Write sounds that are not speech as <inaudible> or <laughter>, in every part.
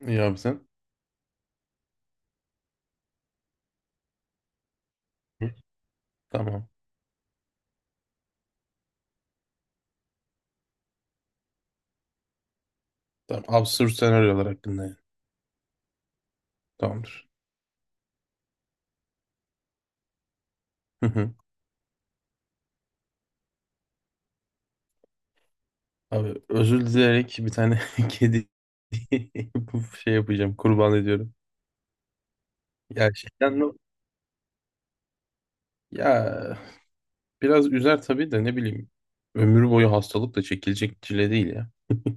İyi abi sen. Hı. Tamam. Tamam. Absürt senaryolar hakkında yani. Tamamdır. Hı hı. Abi özür dileyerek bir tane <laughs> kedi <laughs> bu şey yapacağım. Kurban ediyorum. Ya şeyden mi? Ya biraz üzer tabii de ne bileyim. Ömür boyu hastalık da çekilecek çile değil ya.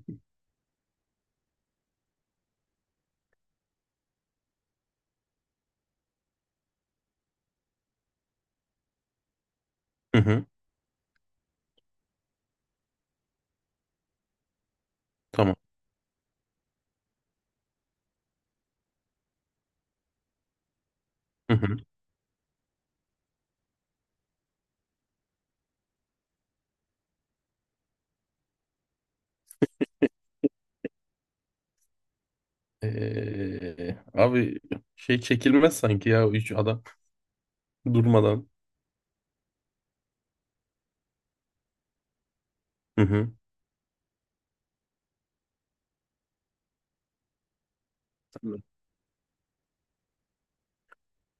<laughs> Hı hı. Tamam. Hı hı. Abi şey çekilmez sanki ya üç adam <laughs> durmadan. Hı hı.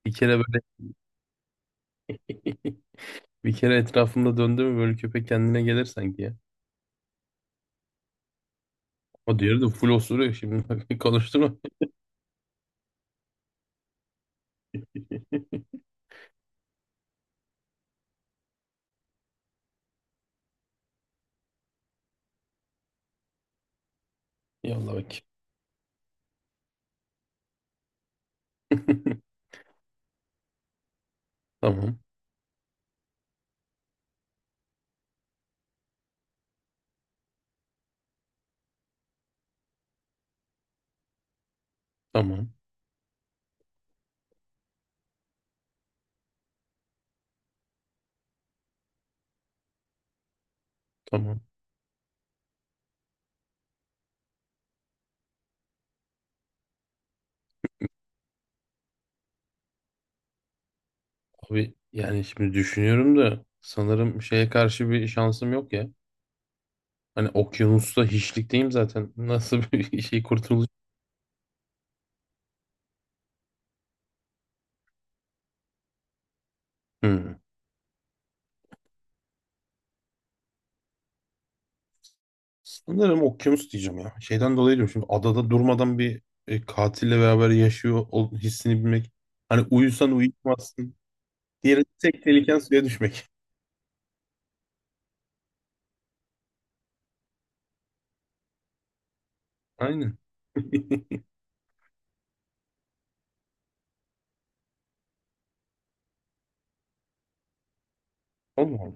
Bir kere böyle <laughs> Bir kere etrafımda döndü mü böyle köpek kendine gelir sanki ya. O diğeri de full osuruyor şimdi. <laughs> Konuşturma. Yallah bak. <laughs> Tamam. Tamam. Tamam. Abi yani şimdi düşünüyorum da sanırım şeye karşı bir şansım yok ya. Hani okyanusta hiçlikteyim zaten. Nasıl bir <laughs> şey kurtuluş? Hmm. Sanırım okyanus diyeceğim ya. Şeyden dolayı diyorum şimdi adada durmadan bir katille beraber yaşıyor hissini bilmek. Hani uyusan uyutmazsın. Diğeri tek tehliken suya düşmek. <laughs> Aynen. <laughs> Allah Allah.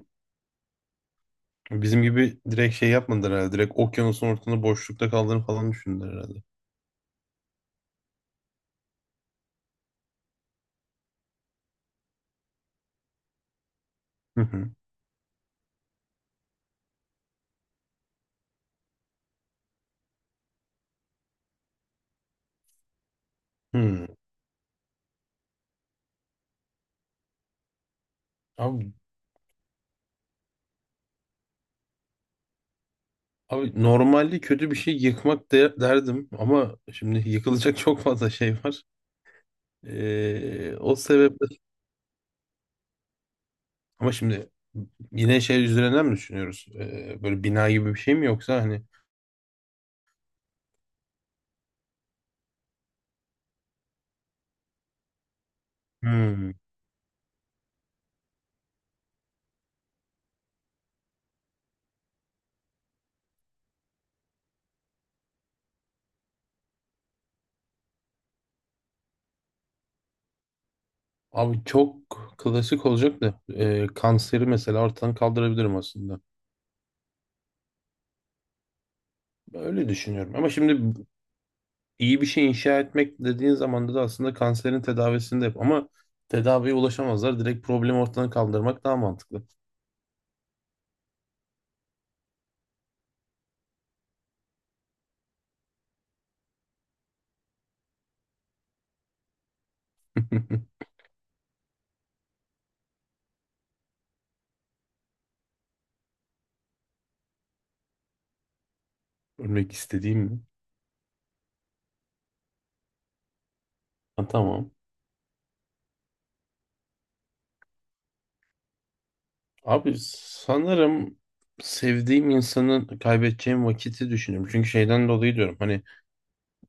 Bizim gibi direkt şey yapmadılar herhalde. Direkt okyanusun ortasında boşlukta kaldığını falan düşündüler herhalde. Hı hı. Hı. Abi, abi, normalde kötü bir şey yıkmak derdim ama şimdi yıkılacak çok fazla şey var. O sebeple ama şimdi yine şey üzerinden mi düşünüyoruz? Böyle bina gibi bir şey mi yoksa hani. Hmm. Abi çok klasik olacak da kanseri mesela ortadan kaldırabilirim aslında. Öyle düşünüyorum. Ama şimdi İyi bir şey inşa etmek dediğin zaman da aslında kanserin tedavisini de yap. Ama tedaviye ulaşamazlar. Direkt problemi ortadan kaldırmak daha mantıklı. <laughs> Ölmek istediğim mi? Ha, tamam. Abi sanırım sevdiğim insanın kaybedeceğim vakiti düşünüyorum. Çünkü şeyden dolayı diyorum hani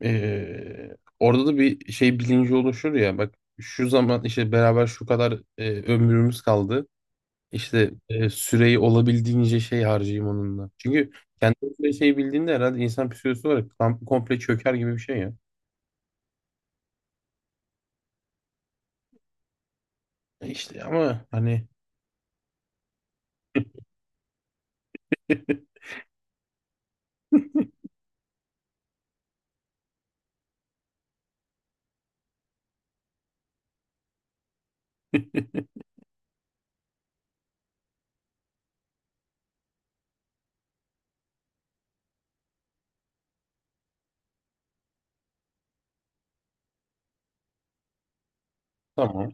orada da bir şey bilinci oluşur ya bak şu zaman işte beraber şu kadar ömrümüz kaldı. İşte süreyi olabildiğince şey harcayayım onunla. Çünkü kendi süre şey bildiğinde herhalde insan psikolojisi olarak tam komple çöker gibi bir şey ya. İşte ama hani <laughs> tamam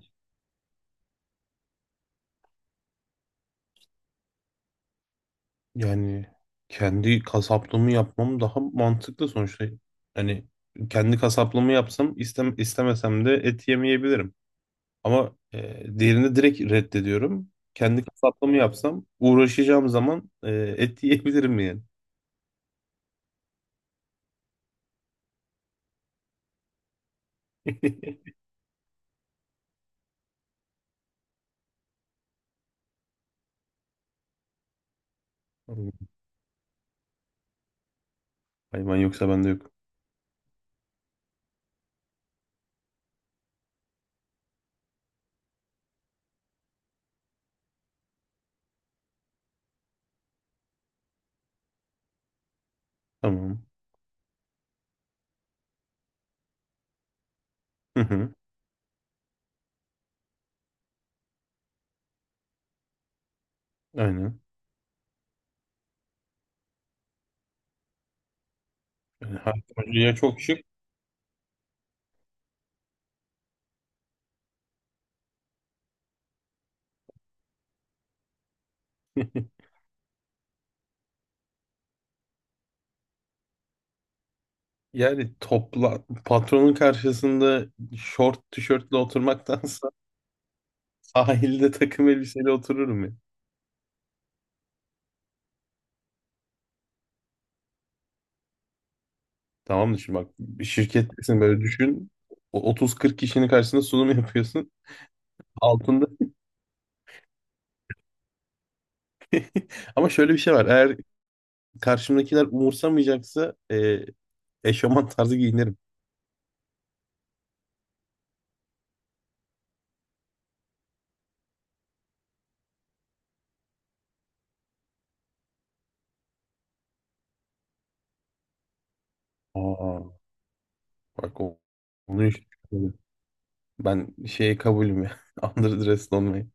yani kendi kasaplığımı yapmam daha mantıklı sonuçta. Hani kendi kasaplığımı yapsam istem istemesem de et yemeyebilirim. Ama diğerini direkt reddediyorum. Kendi kasaplığımı yapsam uğraşacağım zaman et yiyebilirim yani. <laughs> Hayvan yoksa bende yok. Tamam. Hı hı, aynen. Yani Hakan Hoca ya çok şık. <laughs> Yani topla patronun karşısında şort tişörtle oturmaktansa <laughs> sahilde takım elbiseyle otururum ya. Tamam mı şimdi bak bir şirkettesin böyle düşün. O 30-40 kişinin karşısında sunum yapıyorsun. Altında <laughs> ama şöyle bir şey var. Eğer karşımdakiler umursamayacaksa eşofman tarzı giyinirim. Aa, bak onu hiç düşünmedim. Ben şeye kabulüm ya. <laughs> Underdressed olmayı.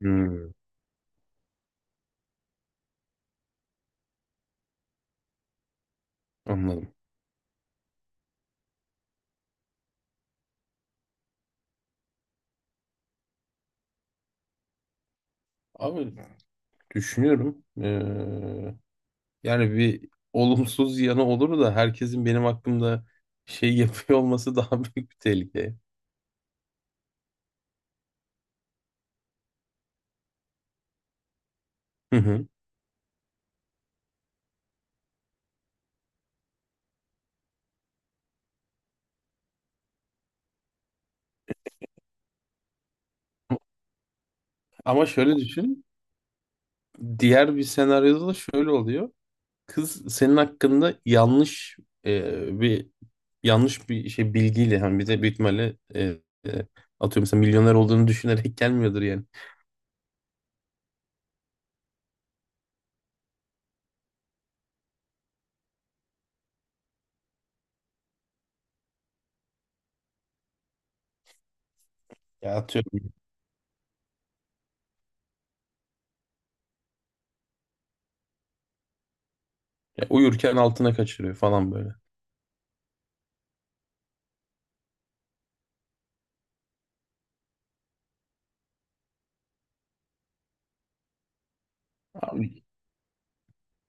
Hmm. Anladım. Abi düşünüyorum. Yani bir olumsuz yanı olur da herkesin benim hakkımda şey <laughs> yapıyor olması daha <laughs> büyük bir tehlike. Hı hı. Ama şöyle düşün. Diğer bir senaryoda da şöyle oluyor. Kız senin hakkında bir yanlış bir şey bilgiyle hani bir de büyük ihtimalle atıyorum mesela milyoner olduğunu düşünerek gelmiyordur yani. Ya atıyorum. Ya uyurken altına kaçırıyor falan böyle.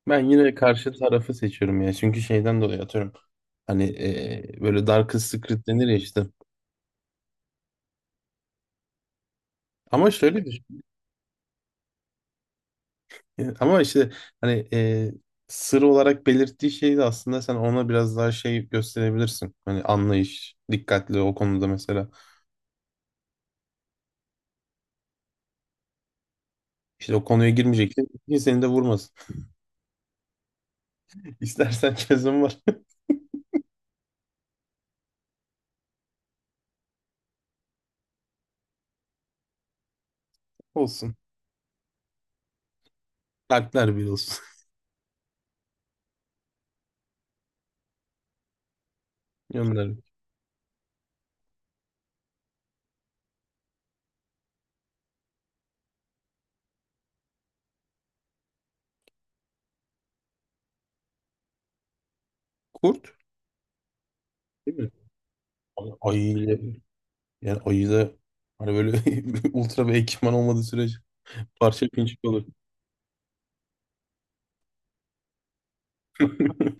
Ben yine karşı tarafı seçiyorum ya. Çünkü şeyden dolayı atıyorum. Hani böyle Darkest Secret denir ya işte. Ama şöyle düşün. Yani ama işte hani sır olarak belirttiği şeyi de aslında sen ona biraz daha şey gösterebilirsin. Hani anlayış, dikkatli o konuda mesela. İşte o konuya girmeyeceksin ki seni de vurmasın. <laughs> İstersen çözüm var. <laughs> Olsun. Kalpler bir olsun. <laughs> Gönder. Kurt değil mi? Ayı ile yani ayı da hani böyle <laughs> ultra bir ekipman olmadığı sürece Parça pinçik olur. <laughs>